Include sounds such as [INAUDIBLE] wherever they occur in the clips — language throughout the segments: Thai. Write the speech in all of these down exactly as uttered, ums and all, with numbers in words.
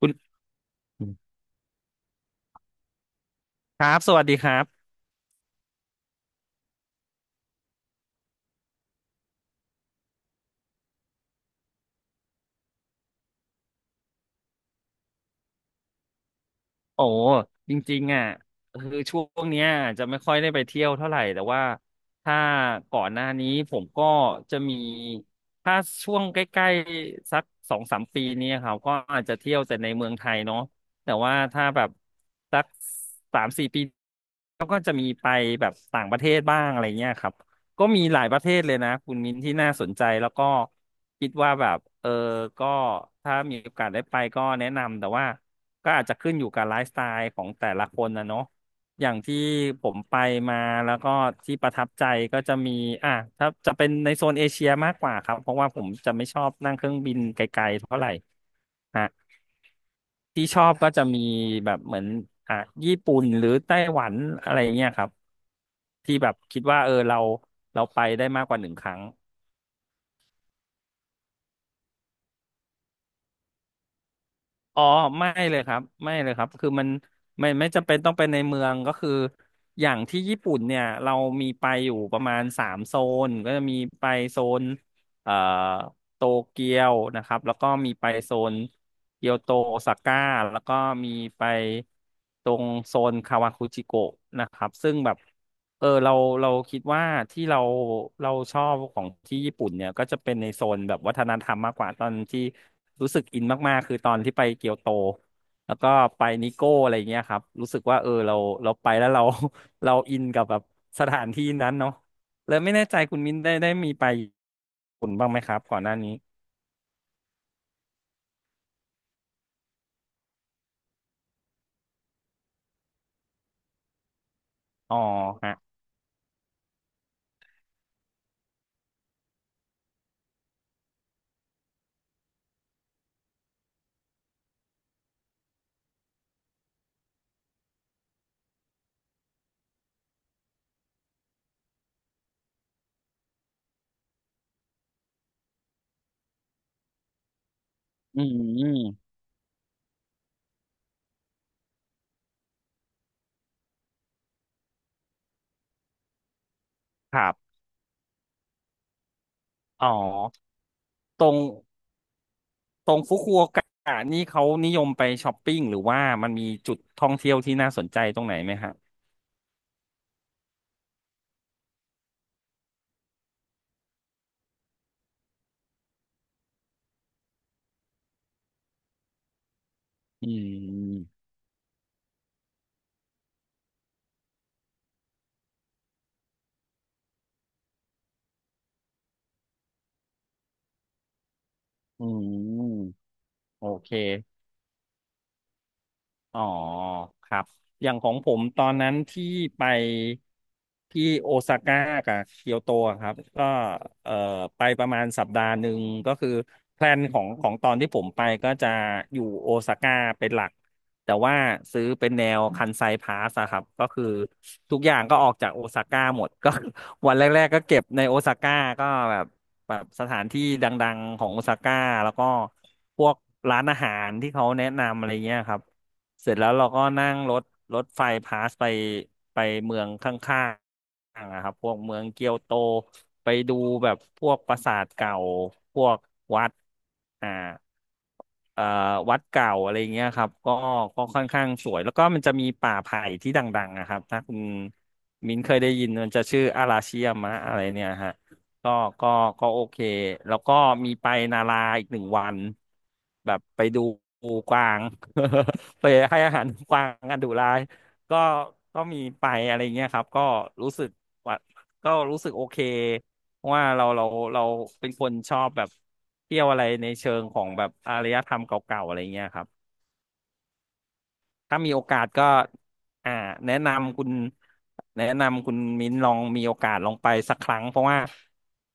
คุณครับสวัสดีครับโอ้จริงๆอ่ะคือช่วงเนี้ยจะไม่ค่อยได้ไปเที่ยวเท่าไหร่แต่ว่าถ้าก่อนหน้านี้ผมก็จะมีถ้าช่วงใกล้ๆสักสองสามปีเนี้ครับก็อาจจะเที่ยวแต่ในเมืองไทยเนาะแต่ว่าถ้าแบบสักสามสี่ปีก็ก็จะมีไปแบบต่างประเทศบ้างอะไรเงี้ยครับ ก็มีหลายประเทศเลยนะคุณมิ้นที่น่าสนใจแล้วก็คิดว่าแบบเออก็ถ้ามีโอกาสได้ไปก็แนะนำแต่ว่าก็อาจจะขึ้นอยู่กับไลฟ์สไตล์ของแต่ละคนนะเนาะอย่างที่ผมไปมาแล้วก็ที่ประทับใจก็จะมีอ่ะถ้าจะเป็นในโซนเอเชียมากกว่าครับเพราะว่าผมจะไม่ชอบนั่งเครื่องบินไกลๆเท่าไหร่ฮะที่ชอบก็จะมีแบบเหมือนอ่ะญี่ปุ่นหรือไต้หวันอะไรเงี้ยครับที่แบบคิดว่าเออเราเราไปได้มากกว่าหนึ่งครั้ง อ๋อไม่เลยครับไม่เลยครับคือมันไม่ไม่จำเป็นต้องไปในเมืองก็คืออย่างที่ญี่ปุ่นเนี่ยเรามีไปอยู่ประมาณสามโซนก็จะมีไปโซนเอ่อโตเกียวนะครับแล้วก็มีไปโซน เกียวโตโอซาก้าแล้วก็มีไปตรงโซนคาวาคุจิโกะนะครับซึ่งแบบเออเราเราคิดว่าที่เราเราชอบของที่ญี่ปุ่นเนี่ยก็จะเป็นในโซนแบบวัฒนธรรมมากกว่าตอนที่รู้สึกอินมากๆคือตอนที่ไปเกียวโตแล้วก็ไปนิโก้อะไรเงี้ยครับรู้สึกว่าเออเราเราไปแล้วเรา [LAUGHS] เราอินกับแบบสถานที่นั้นเนาะเลยไม่แน่ใจคุณมิ้นได้ได้มีไปญี่ปุ่นบ้างไหมครับก่อนหน้านี้อ๋อฮะอืมอืมครับ อ๋อตรงตรงฟุกุโอกะนี่เขานิยมไปช้อปปิ้งหรือว่ามันมีจุดท่องเที่ยวที่น่าสนใจตรงไหนไหมฮะอืมอืมโอเค อ๋อครับอย่างของผมตอนนั้นที่ไปที่โอซาก้ากับเกียวโตอะครับก็เอ่อไปประมาณสัปดาห์หนึ่งก็คือแพลนของของตอนที่ผมไปก็จะอยู่โอซาก้าเป็นหลักแต่ว่าซื้อเป็นแนวคันไซพาสอะครับก็คือทุกอย่างก็ออกจากโอซาก้าหมดก็ [LAUGHS] วันแรกๆก็เก็บในโอซาก้าก็แบบแบบสถานที่ดังๆของโอซาก้าแล้วก็พวกร้านอาหารที่เขาแนะนำอะไรเงี้ยครับ เสร็จแล้วเราก็นั่งรถรถไฟพาสไปไปเมืองข้างๆอะครับพวกเมืองเกียวโตไปดูแบบพวกปราสาทเก่าพวกวัดอ่าเอ่อวัดเก่าอะไรเงี้ยครับก็ก็ค่อนข้างสวยแล้วก็มันจะมีป่าไผ่ที่ดังๆนะครับถ้าคุณมิ้นเคยได้ยินมันจะชื่ออาราชิยามะอะไรเนี่ยฮะ ก็ก็ก็โอเค แล้วก็มีไปนาราอีกหนึ่งวัน แบบไปดูกวาง [LAUGHS] ไปให้อาหารกวางกันดุร้ายก็ก็มีไปอะไรเงี้ยครับ ก็รู้สึกว่าก็รู้สึกโอเคเพราะว่าเราเราเราเป็นคนชอบแบบเที่ยวอะไรในเชิงของแบบอารยธรรมเก่าๆอะไรเงี้ยครับ ถ้ามีโอกาสก็อ่าแนะนำคุณแนะนำคุณมิ้นลองมีโอกาสลองไปสักครั้งเพราะว่า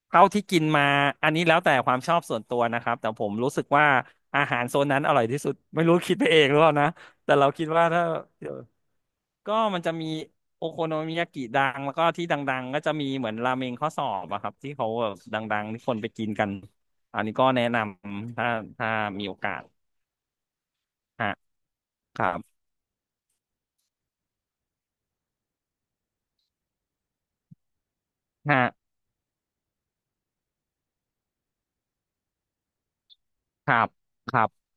เท่าที่กินมาอันนี้แล้วแต่ความชอบส่วนตัวนะครับแต่ผมรู้สึกว่าอาหารโซนนั้นอร่อยที่สุดไม่รู้คิดไปเองหรือเปล่านะแต่เราคิดว่าถ้าก็มันจะมีโอโคโนมิยากิดังแล้วก็ที่ดังๆก็จะมีเหมือนราเมงข้อสอบอะครับที่เขาแบบดังๆที่คนไปกินกันอันนี้ก็แนะนำถ้าถ้ามีโอกาสฮะครับฮะครับครับ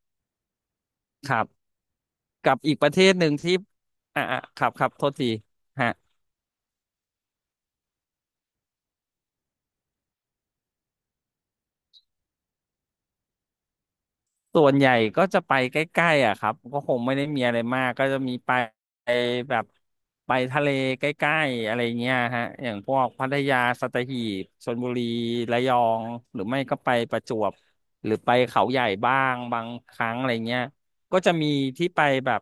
ครับ กับอีกประเทศหนึ่งที่อ่ะอ่ะครับครับโทษทีฮะส่วนใหญ่ก็จะไปใกล้ๆอ่ะครับก็คงไม่ได้มีอะไรมากก็จะมีไปแบบไปทะเลใกล้ๆอะไรเงี้ยฮะอย่างพวกพัทยาสัตหีบชลบุรีระยองหรือไม่ก็ไปประจวบหรือไปเขาใหญ่บ้างบางครั้งอะไรเงี้ยก็จะมีที่ไปแบบ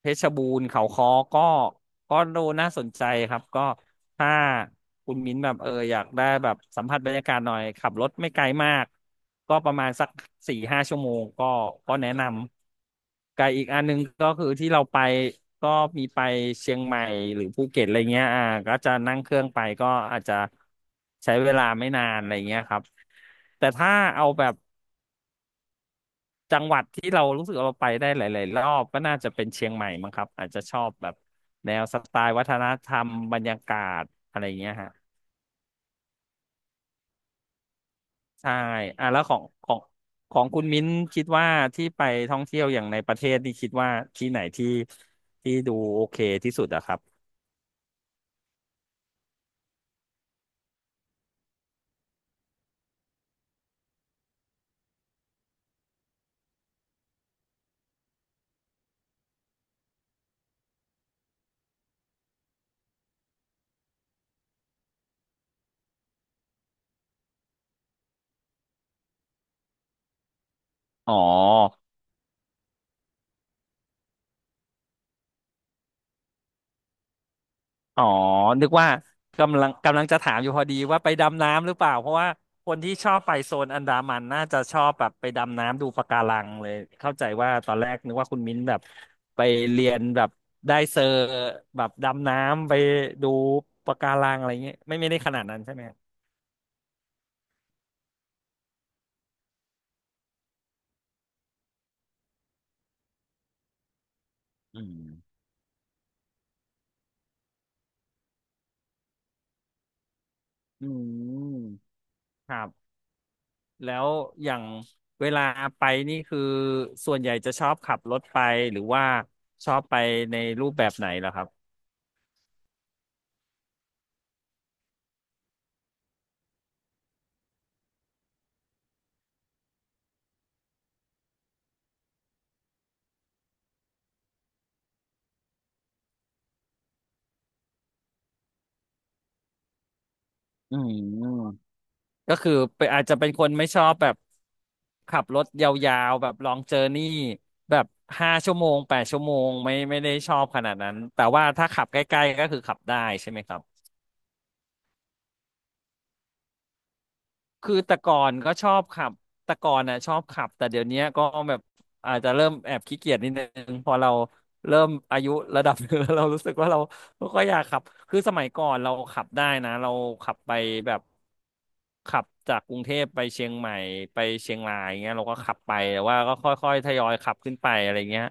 เพชรบูรณ์เขาค้อก็ก็ดูน่าสนใจครับก็ ถ้าคุณมิ้นแบบเอออยากได้แบบสัมผัสบรรยากาศหน่อยขับรถไม่ไกลมากก็ประมาณสักสี่ห้าชั่วโมงก็ก็แนะนำไกลอีกอันหนึงก็คือที่เราไปก็มีไปเชียงใหม่หรือภูเก็ตอะไรเงี้ยอ่าก็จะนั่งเครื่องไปก็อาจจะใช้เวลาไม่นานอะไรเงี้ยครับแต่ถ้าเอาแบบจังหวัดที่เรารู้สึกเราไปได้หลายๆรอบก็น่าจะเป็นเชียงใหม่มั้งครับอาจจะชอบแบบแนวสไตล์วัฒนธรรมบรรยากาศอะไรเงี้ยฮะ ใช่อ่ะแล้วของของของคุณมิ้นคิดว่าที่ไปท่องเที่ยวอย่างในประเทศที่คิดว่าที่ไหนที่ที่ดูโอเคที่สุดอะครับอ๋ออ๋อนึกว่ากำลังกำลังจะถามอยู่พอดีว่าไปดำน้ำหรือเปล่าเพราะว่าคนที่ชอบไปโซนอันดามันน่าจะชอบแบบไปดำน้ำดูปะการังเลยเข้าใจว่าตอนแรกนึกว่าคุณมิ้นแบบไปเรียนแบบได้เซอร์แบบดำน้ำไปดูปะการังอะไรเงี้ยไม่ไม่ได้ขนาดนั้นใช่ไหมอืมอืม ครับแล้วอย่างเวลาไปนี่คือส่วนใหญ่จะชอบขับรถไปหรือว่าชอบไปในรูปแบบไหนล่ะครับอืมก็คือไปอาจจะเป็นคนไม่ชอบแบบขับรถยาวๆแบบลองเจอร์นี่แบบห้าชั่วโมงแปดชั่วโมงไม่ไม่ได้ชอบขนาดนั้นแต่ว่าถ้าขับใกล้ๆก็คือขับได้ใช่ไหมครับ คือแต่ก่อนก็ชอบขับแต่ก่อนน่ะชอบขับแต่เดี๋ยวเนี้ยก็แบบอาจจะเริ่มแอบขี้เกียจนิดนึงพอเราเริ่มอายุระดับหนึง [LAUGHS] แล้วเรารู้สึกว่าเราไม่ค่อยอยากขับคือสมัยก่อนเราขับได้นะเราขับไปแบบขับจากกรุงเทพไปเชียงใหม่ไปเชียงรายอย่างเงี้ยเราก็ขับไปแต่ว่าก็ค่อยๆทยอยขับขึ้นไปอะไรเงี้ย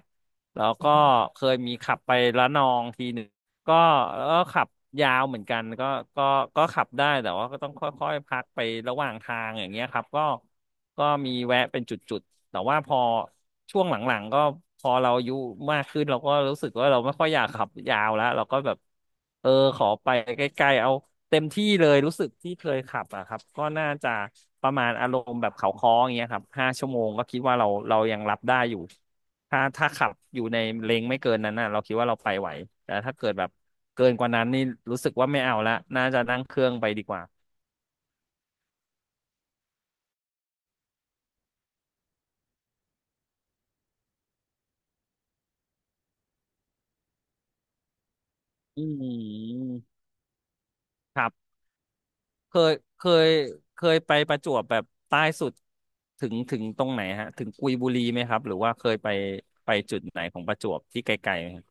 แล้วก็เคยมีขับไประนองทีหนึ่ง ก็ก็ขับยาวเหมือนกันก็ก็ก็ขับได้แต่ว่าก็ต้องค่อยๆพักไประหว่างทางอย่างเงี้ยครับก็ก็มีแวะเป็นจุดๆแต่ว่าพอช่วงหลังๆก็พอเราอายุมากขึ้นเราก็รู้สึกว่าเราไม่ค่อยอยากขับยาวแล้วเราก็แบบเออขอไปใกล้ๆเอาเต็มที่เลยรู้สึกที่เคยขับอะครับก็น่าจะประมาณอารมณ์แบบเขาค้ออย่างเงี้ยครับห้าชั่วโมงก็คิดว่าเราเรายังรับได้อยู่ ถ้าถ้าขับอยู่ในเลนไม่เกินนั้นน่ะเราคิดว่าเราไปไหวแต่ถ้าเกิดแบบเกินกว่านั้นนี่รู้สึกว่าไม่เอาละน่าจะนั่งเครื่องไปดีกว่าอืมครับเคยเคยเคยไปประจวบแบบใต้สุดถึงถึงตรงไหนฮะถึงกุยบุรีไหมครับหรือว่าเคยไปไปจุดไหนของประจวบที่ไกลๆไหมครับ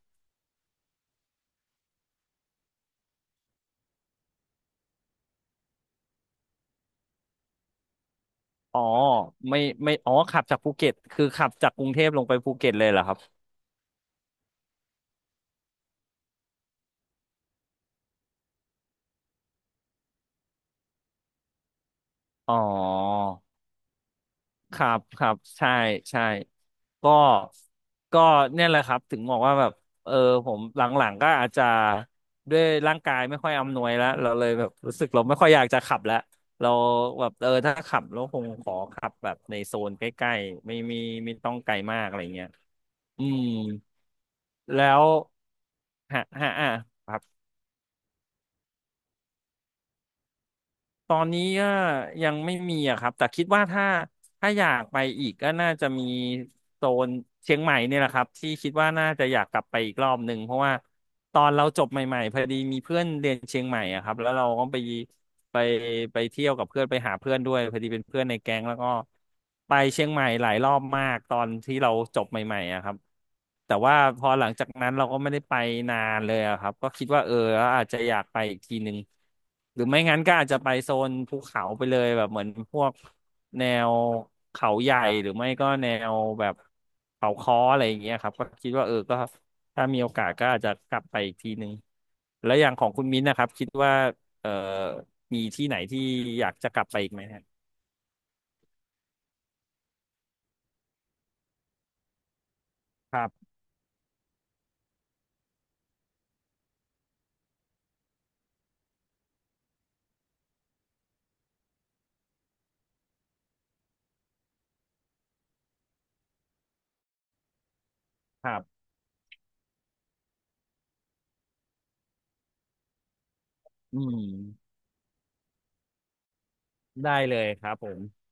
อ๋อไม่ไม่อ๋อขับจากภูเก็ตคือขับจากกรุงเทพลงไปภูเก็ตเลยเหรอครับอ๋อ ครับครับใช่ใช่ก็ก็เนี่ยแหละครับถึงบอกว่าแบบเออผมหลังๆก็อาจจะด้วยร่างกายไม่ค่อยอำนวยแล้วเราเลยแบบรู้สึกเราไม่ค่อยอยากจะขับแล้วเราแบบเออถ้าขับเราคงขอขับแบบในโซนใกล้ๆไม่มีไม่ต้องไกลมากอะไรเงี้ยอืมแล้วฮะฮะอ่ะครับ ตอนนี้ก็ยังไม่มีอะครับแต่คิดว่าถ้าถ้าอยากไปอีกก็น่าจะมีโซนเชียงใหม่เนี่ยแหละครับที่คิดว่าน่าจะอยากกลับไปอีกรอบหนึ่งเพราะว่าตอนเราจบใหม่ๆพอดีมีเพื่อนเรียนเชียงใหม่อะครับแล้วเราก็ไปไปไปเที่ยวกับเพื่อนไปหาเพื่อนด้วยพอดีเป็นเพื่อนในแก๊งแล้วก็ไปเชียงใหม่หลายรอบมากตอนที่เราจบใหม่ๆอะครับ แต่ว่าพอหลังจากนั้นเราก็ไม่ได้ไปนานเลยอะครับก็คิดว่าเอออาจจะอยากไปอีกทีหนึ่งหรือไม่งั้นก็อาจจะไปโซนภูเขาไปเลยแบบเหมือนพวกแนวเขาใหญ่หรือไม่ก็แนวแบบเขาค้ออะไรอย่างเงี้ยครับก็คิดว่าเออก็ถ้ามีโอกาสก็อาจจะกลับไปอีกทีหนึ่งแล้วอย่างของคุณมิ้นท์นะครับคิดว่าเออมีที่ไหนที่อยากจะกลับไปอีกไหมฮะครับครับอืมได้เลยครับผม